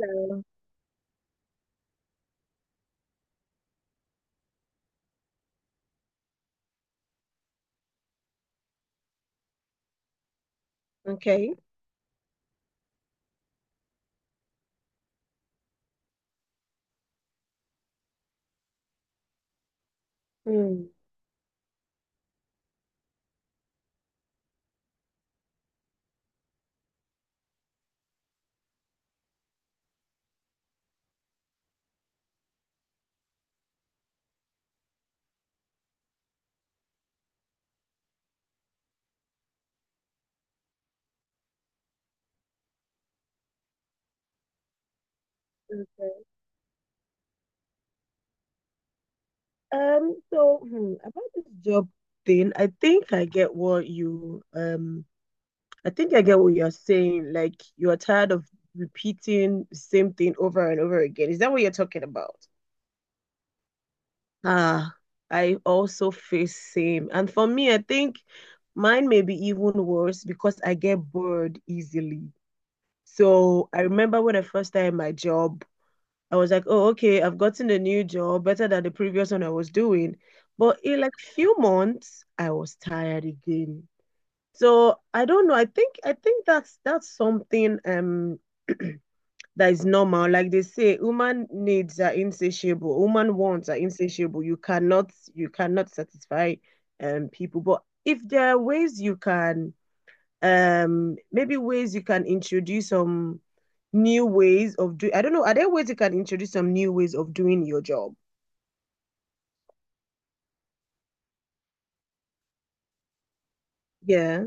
Um, Okay. Hmm. Okay. About this job thing, I think I get what you I think I get what you're saying. Like you are tired of repeating the same thing over and over again. Is that what you're talking about? Ah, I also face same. And for me, I think mine may be even worse because I get bored easily. So I remember when I first started my job, I was like, oh, okay, I've gotten a new job, better than the previous one I was doing. But in like few months, I was tired again. So I don't know. I think that's something that is normal. Like they say, human needs are insatiable. Human wants are insatiable. You cannot satisfy people. But if there are ways you can maybe ways you can introduce some new ways of doing. I don't know. Are there ways you can introduce some new ways of doing your job? Yeah.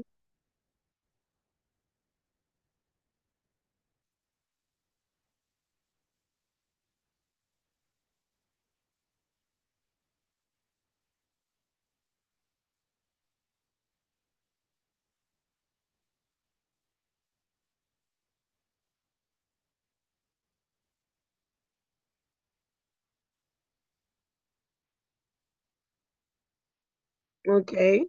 Okay.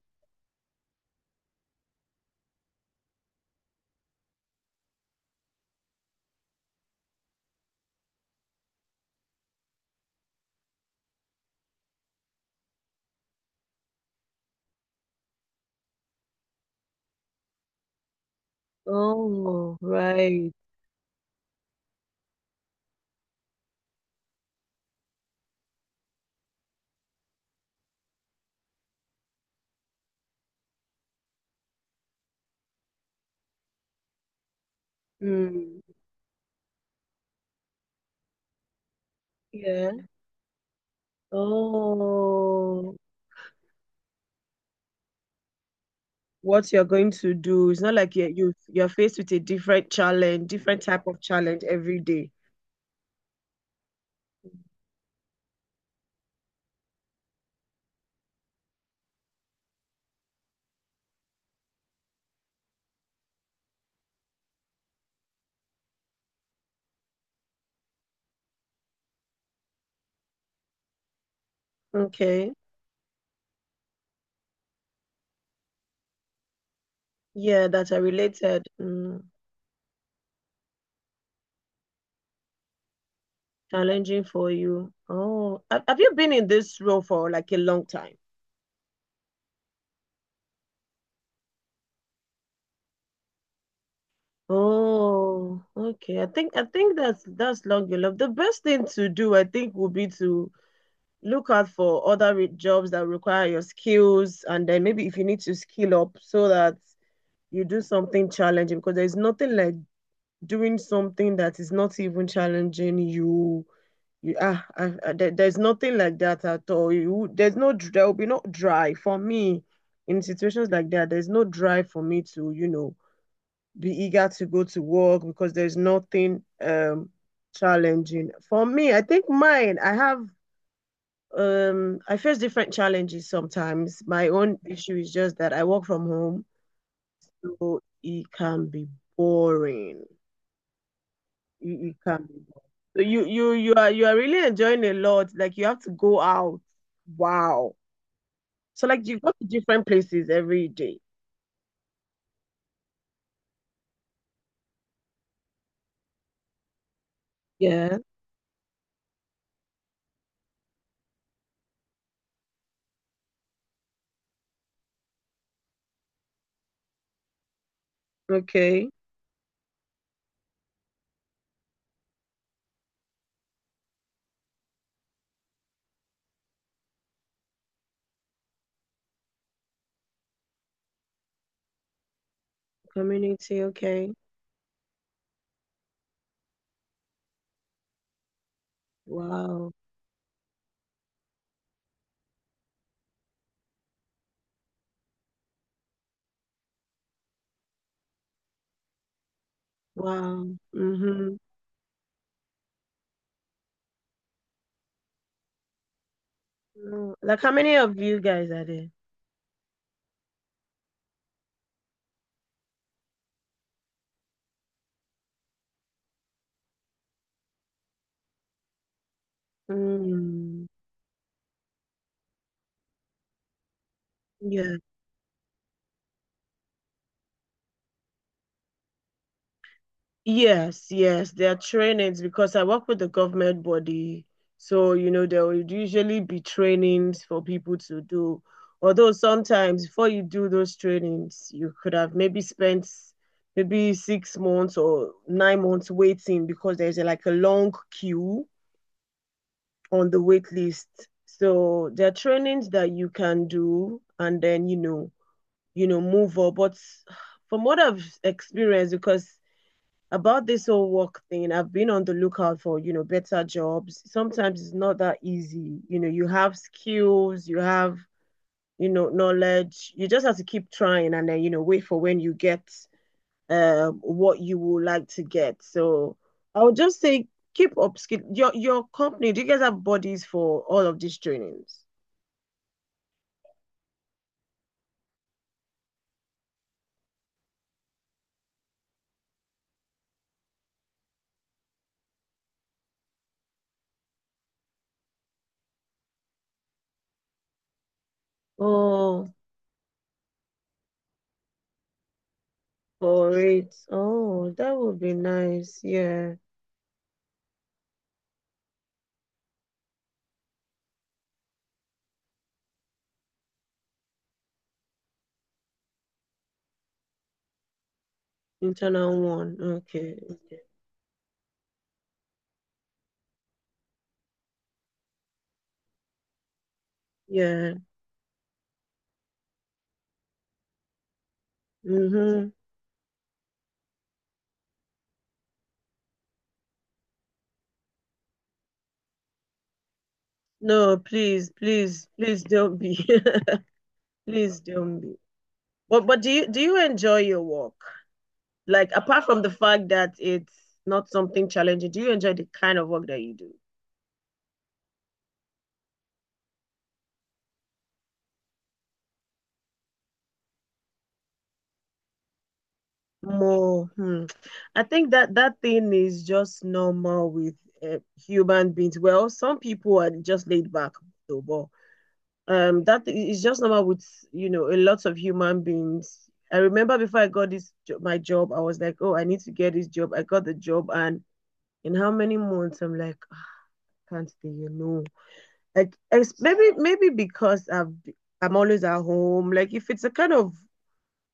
Oh, right. Mm. Yeah. Oh, what you're going to do. It's not like you're faced with a different challenge, different type of challenge every day. Okay. Yeah, that are related. Mm. Challenging for you. Oh, have you been in this role for like a long time? Oh, okay. I think that's long you love. The best thing to do, I think, would be to look out for other re jobs that require your skills, and then maybe if you need to skill up so that you do something challenging, because there's nothing like doing something that is not even challenging you. There's nothing like that at all. You there's no dr- There will be no drive for me in situations like that. There's no drive for me to be eager to go to work because there's nothing challenging. For me, I think mine, I have I face different challenges sometimes. My own issue is just that I work from home, so it can be boring. It can be boring. So you are really enjoying a lot. Like you have to go out. Wow. So like you go to different places every day. Yeah. Okay. Community. Okay. Wow. Wow. Mm-hmm. Mm, like, how many of you guys are there? Mm, yeah. Yes, yes, there are trainings because I work with the government body. So, you know, there will usually be trainings for people to do. Although sometimes before you do those trainings, you could have maybe spent maybe 6 months or 9 months waiting because there's like a long queue on the wait list. So there are trainings that you can do, and then, you know, move up. But from what I've experienced, because about this whole work thing, I've been on the lookout for, you know, better jobs. Sometimes it's not that easy. You know, you have skills, you have, you know, knowledge. You just have to keep trying and then, you know, wait for when you get what you would like to get. So I would just say keep up skill. Your company, do you guys have bodies for all of these trainings? Oh, for it. Oh, that would be nice. Yeah. Internal one. Okay. Yeah. Mm-hmm. No, please, please, please don't be. Please don't be. But but do you enjoy your work? Like apart from the fact that it's not something challenging, do you enjoy the kind of work that you do? More, hmm. I think that that thing is just normal with uh, human beings. Well, some people are just laid back though, but that is just normal with you know a lot of human beings. I remember before I got this job, my job I was like, oh, I need to get this job. I got the job and in how many months I'm like, "Ah, can't stay you know like maybe maybe because I've I'm always at home like if it's a kind of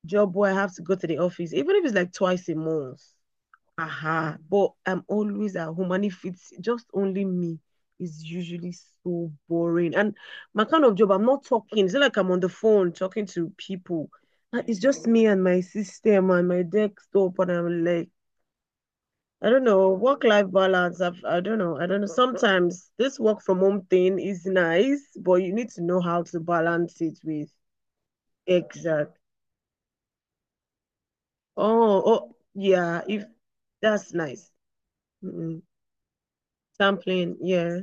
job where I have to go to the office even if it's like twice a month. Uh huh. But I'm always at home, and if it's just only me, it's usually so boring. And my kind of job, I'm not talking. It's not like I'm on the phone talking to people. It's just me and my system and my desktop, and I'm like, I don't know, work-life balance. I don't know. I don't know. Sometimes this work from home thing is nice, but you need to know how to balance it with exact. Oh, oh, yeah. If that's nice. Mm-mm. Sampling, yeah.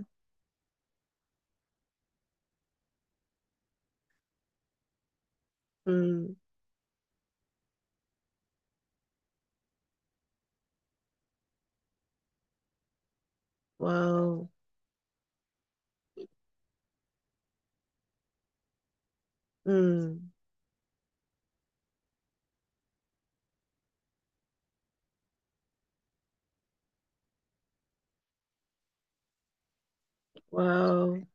Mm. Wow. Mm. Wow.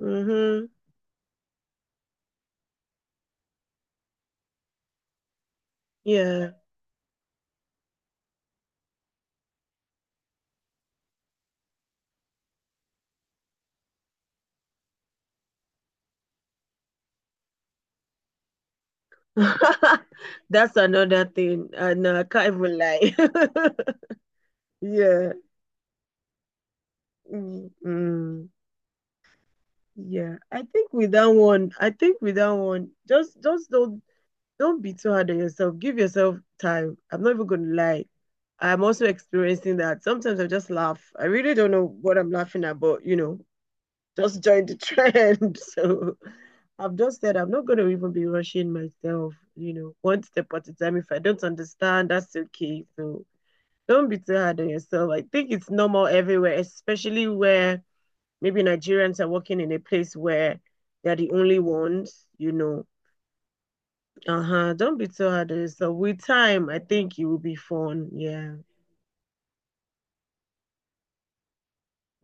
Mm-hmm. Yeah. That's another thing. No, I can't even lie. Yeah. Mm. Mm. Yeah. I think with that one, I think with that one, just don't be too hard on yourself. Give yourself time. I'm not even gonna lie. I'm also experiencing that. Sometimes I just laugh. I really don't know what I'm laughing at, but you know. Just joined the trend. So I've just said I'm not going to even be rushing myself, you know, one step at a time. If I don't understand, that's okay. So don't be too hard on yourself. I think it's normal everywhere, especially where maybe Nigerians are working in a place where they're the only ones, you know. Uh huh. Don't be too hard on yourself. With time, I think it will be fun. Yeah.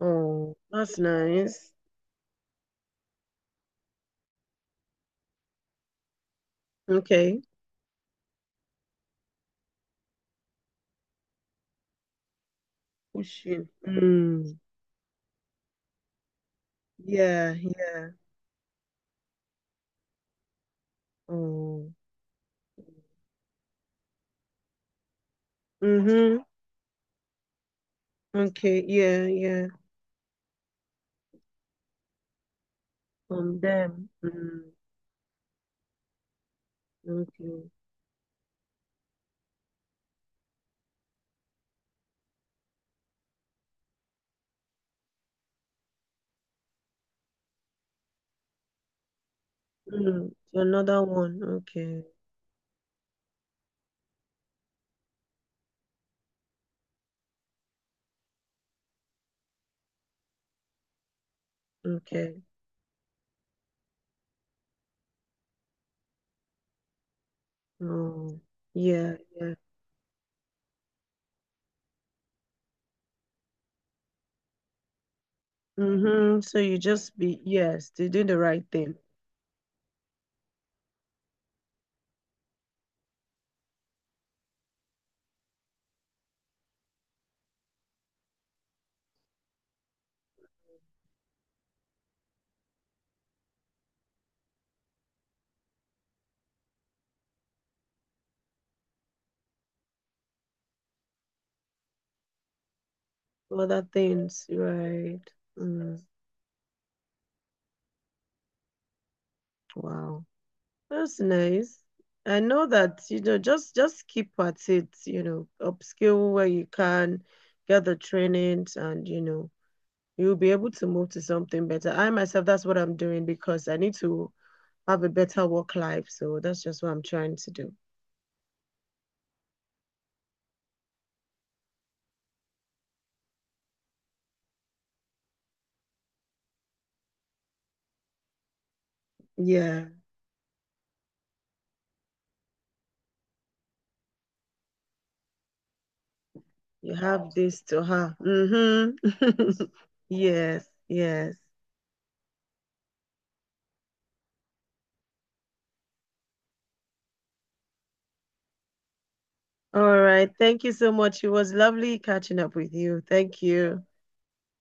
Oh, that's nice. Okay. Pushing. Mm. Yeah. Yeah. Oh. Mm-hmm. Okay. Yeah. Yeah. From them. Mm. Okay. Mm. To another one. Okay. Okay. Oh. Yeah. Yeah. Mm-hmm. So you just be yes to do the right thing. Other things. Right. Mm. Wow. That's nice. I know that you know just keep at it. You know, upskill where you can, get the trainings, and you know you'll be able to move to something better. I myself, that's what I'm doing because I need to have a better work life. So that's just what I'm trying to do. Yeah, you have this to have. Mm-hmm. Yes, yes. All right. Thank you so much. It was lovely catching up with you. Thank you.